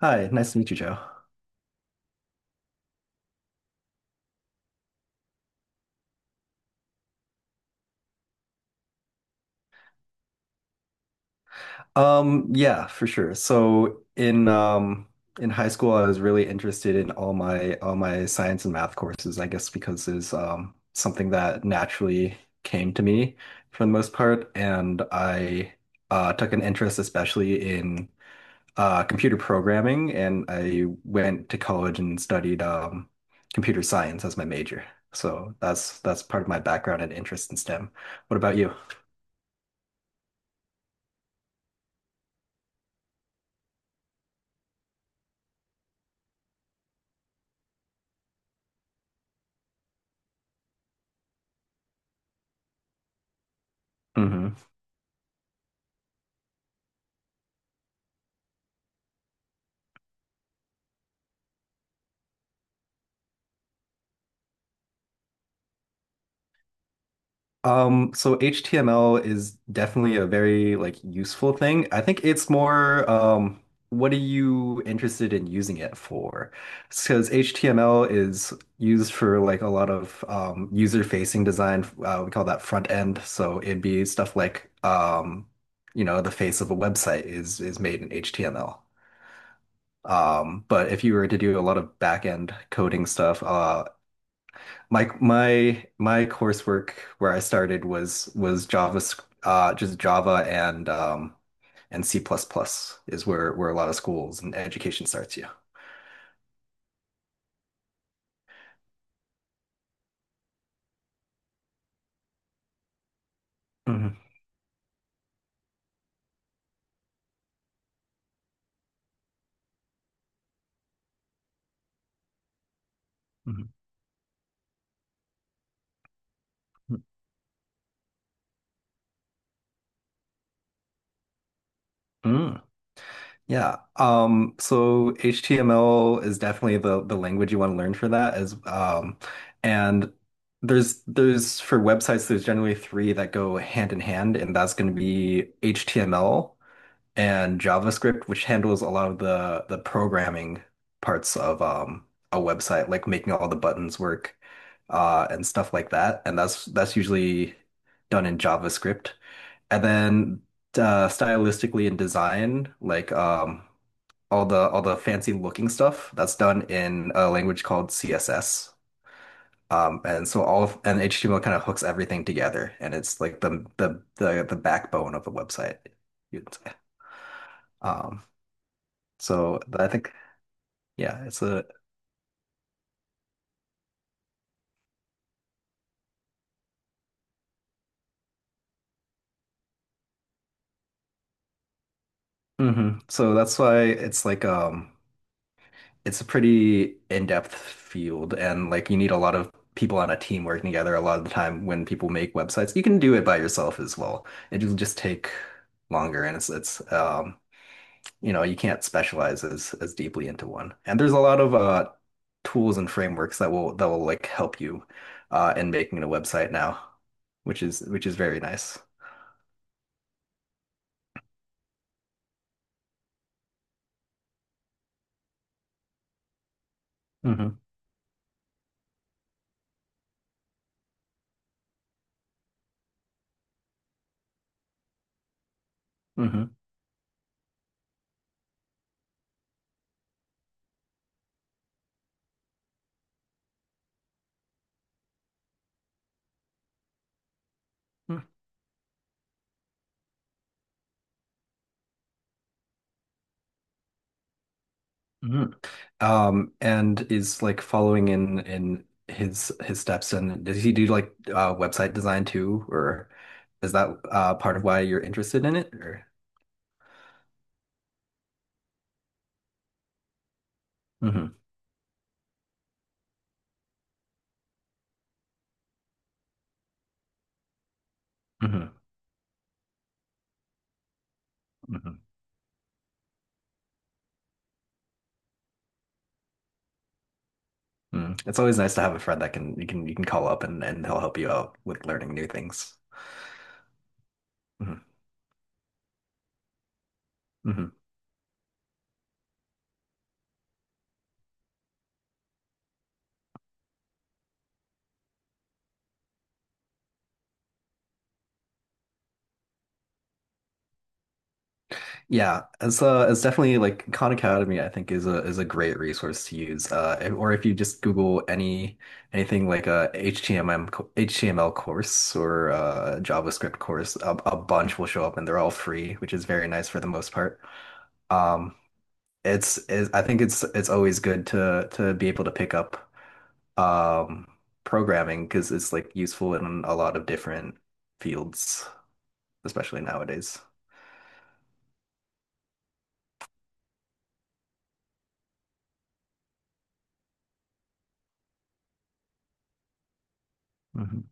Hi, nice to meet you, Joe. Yeah, for sure. In high school, I was really interested in all my science and math courses, I guess because it's something that naturally came to me for the most part, and I took an interest especially in computer programming, and I went to college and studied computer science as my major. So that's part of my background and interest in STEM. What about you? Mm-hmm. So HTML is definitely a very like useful thing. I think it's more what are you interested in using it for? Because HTML is used for like a lot of user-facing design. We call that front end. So it'd be stuff like you know the face of a website is made in HTML. But if you were to do a lot of back end coding stuff, my coursework where I started was Java, just Java and C++ plus plus is where a lot of schools and education starts. Yeah. hmm hmm Mm, yeah. So HTML is definitely the language you want to learn for that as and there's for websites there's generally three that go hand in hand and that's going to be HTML and JavaScript, which handles a lot of the programming parts of a website, like making all the buttons work and stuff like that. And that's usually done in JavaScript. And then stylistically in design, like all the fancy looking stuff, that's done in a language called CSS. And HTML kind of hooks everything together, and it's like the backbone of the website, you'd say. Um, so I think yeah, it's a So that's why it's like it's a pretty in-depth field and like you need a lot of people on a team working together a lot of the time when people make websites. You can do it by yourself as well. It'll just take longer and it's you can't specialize as deeply into one. And there's a lot of tools and frameworks that will like help you in making a website now, which is very nice. hmm hmm hmm and is like following in his steps. And does he do like website design too, or is that part of why you're interested in it? Or hmm hmm hmm Mm. It's always nice to have a friend that can you can you can call up and they'll help you out with learning new things. hmm hmm Yeah, it's definitely like Khan Academy, I think is a great resource to use. Or if you just Google anything like a HTML course or a JavaScript course, a bunch will show up, and they're all free, which is very nice for the most part. Um, it's I think it's always good to be able to pick up um programming because it's like useful in a lot of different fields, especially nowadays. hmm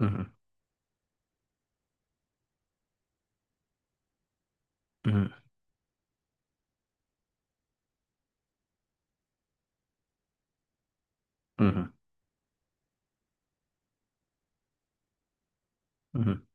hmm hmm hmm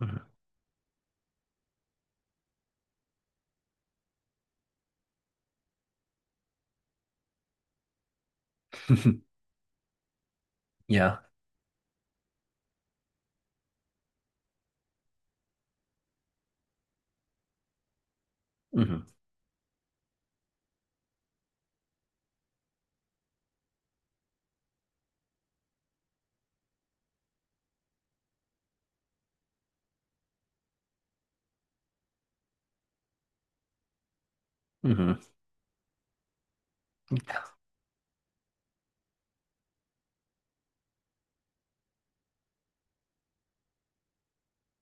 hmm Yeah. hmm hmm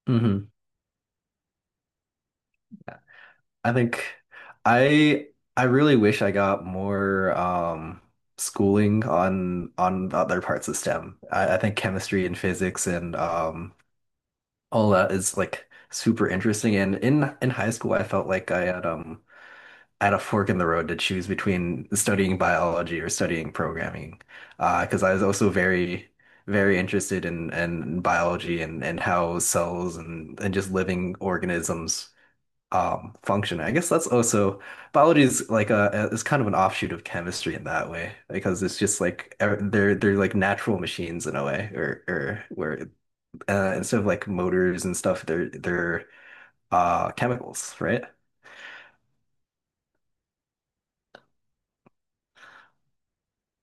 hmm I think I I really wish I got more schooling on the other parts of STEM. I think chemistry and physics and all that is like super interesting. And in high school I felt like I had at a fork in the road to choose between studying biology or studying programming. 'Cause because I was also very, very interested in biology and how cells and just living organisms function. I guess that's also biology is like a is kind of an offshoot of chemistry in that way because it's just like they're like natural machines in a way or where instead of like motors and stuff they're chemicals, right?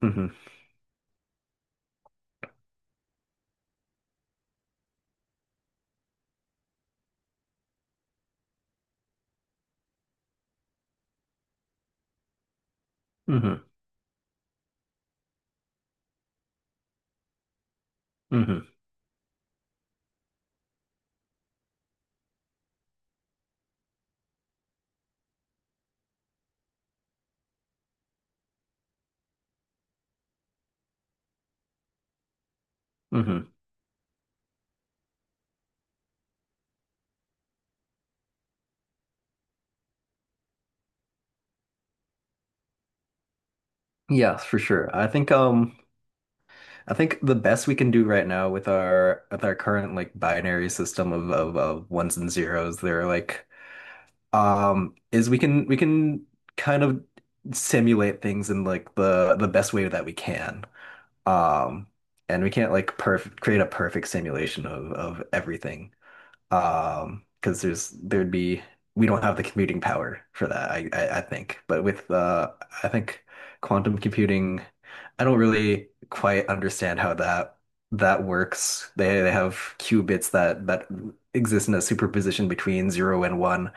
hmm hmm hmm hmm Yes, for sure. I think the best we can do right now with our current like binary system of ones and zeros, they're like is we can kind of simulate things in like the best way that we can. Um and we can't like perfect create a perfect simulation of everything. Because there'd be we don't have the computing power for that, I think. But with I think quantum computing, I don't really quite understand how that works. They have qubits that exist in a superposition between zero and one.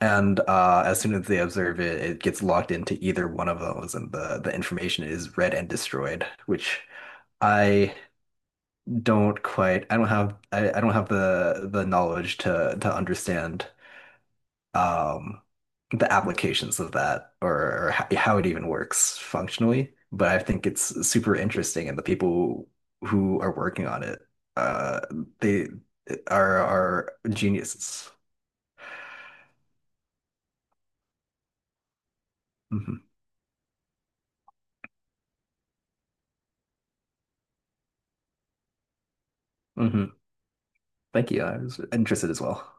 And as soon as they observe it, it gets locked into either one of those and the information is read and destroyed, which I don't quite. I don't have the knowledge to understand um the applications of that or how it even works functionally. But I think it's super interesting, and the people who are working on it, uh, they are geniuses. hmm hmm Thank you. I was interested as well.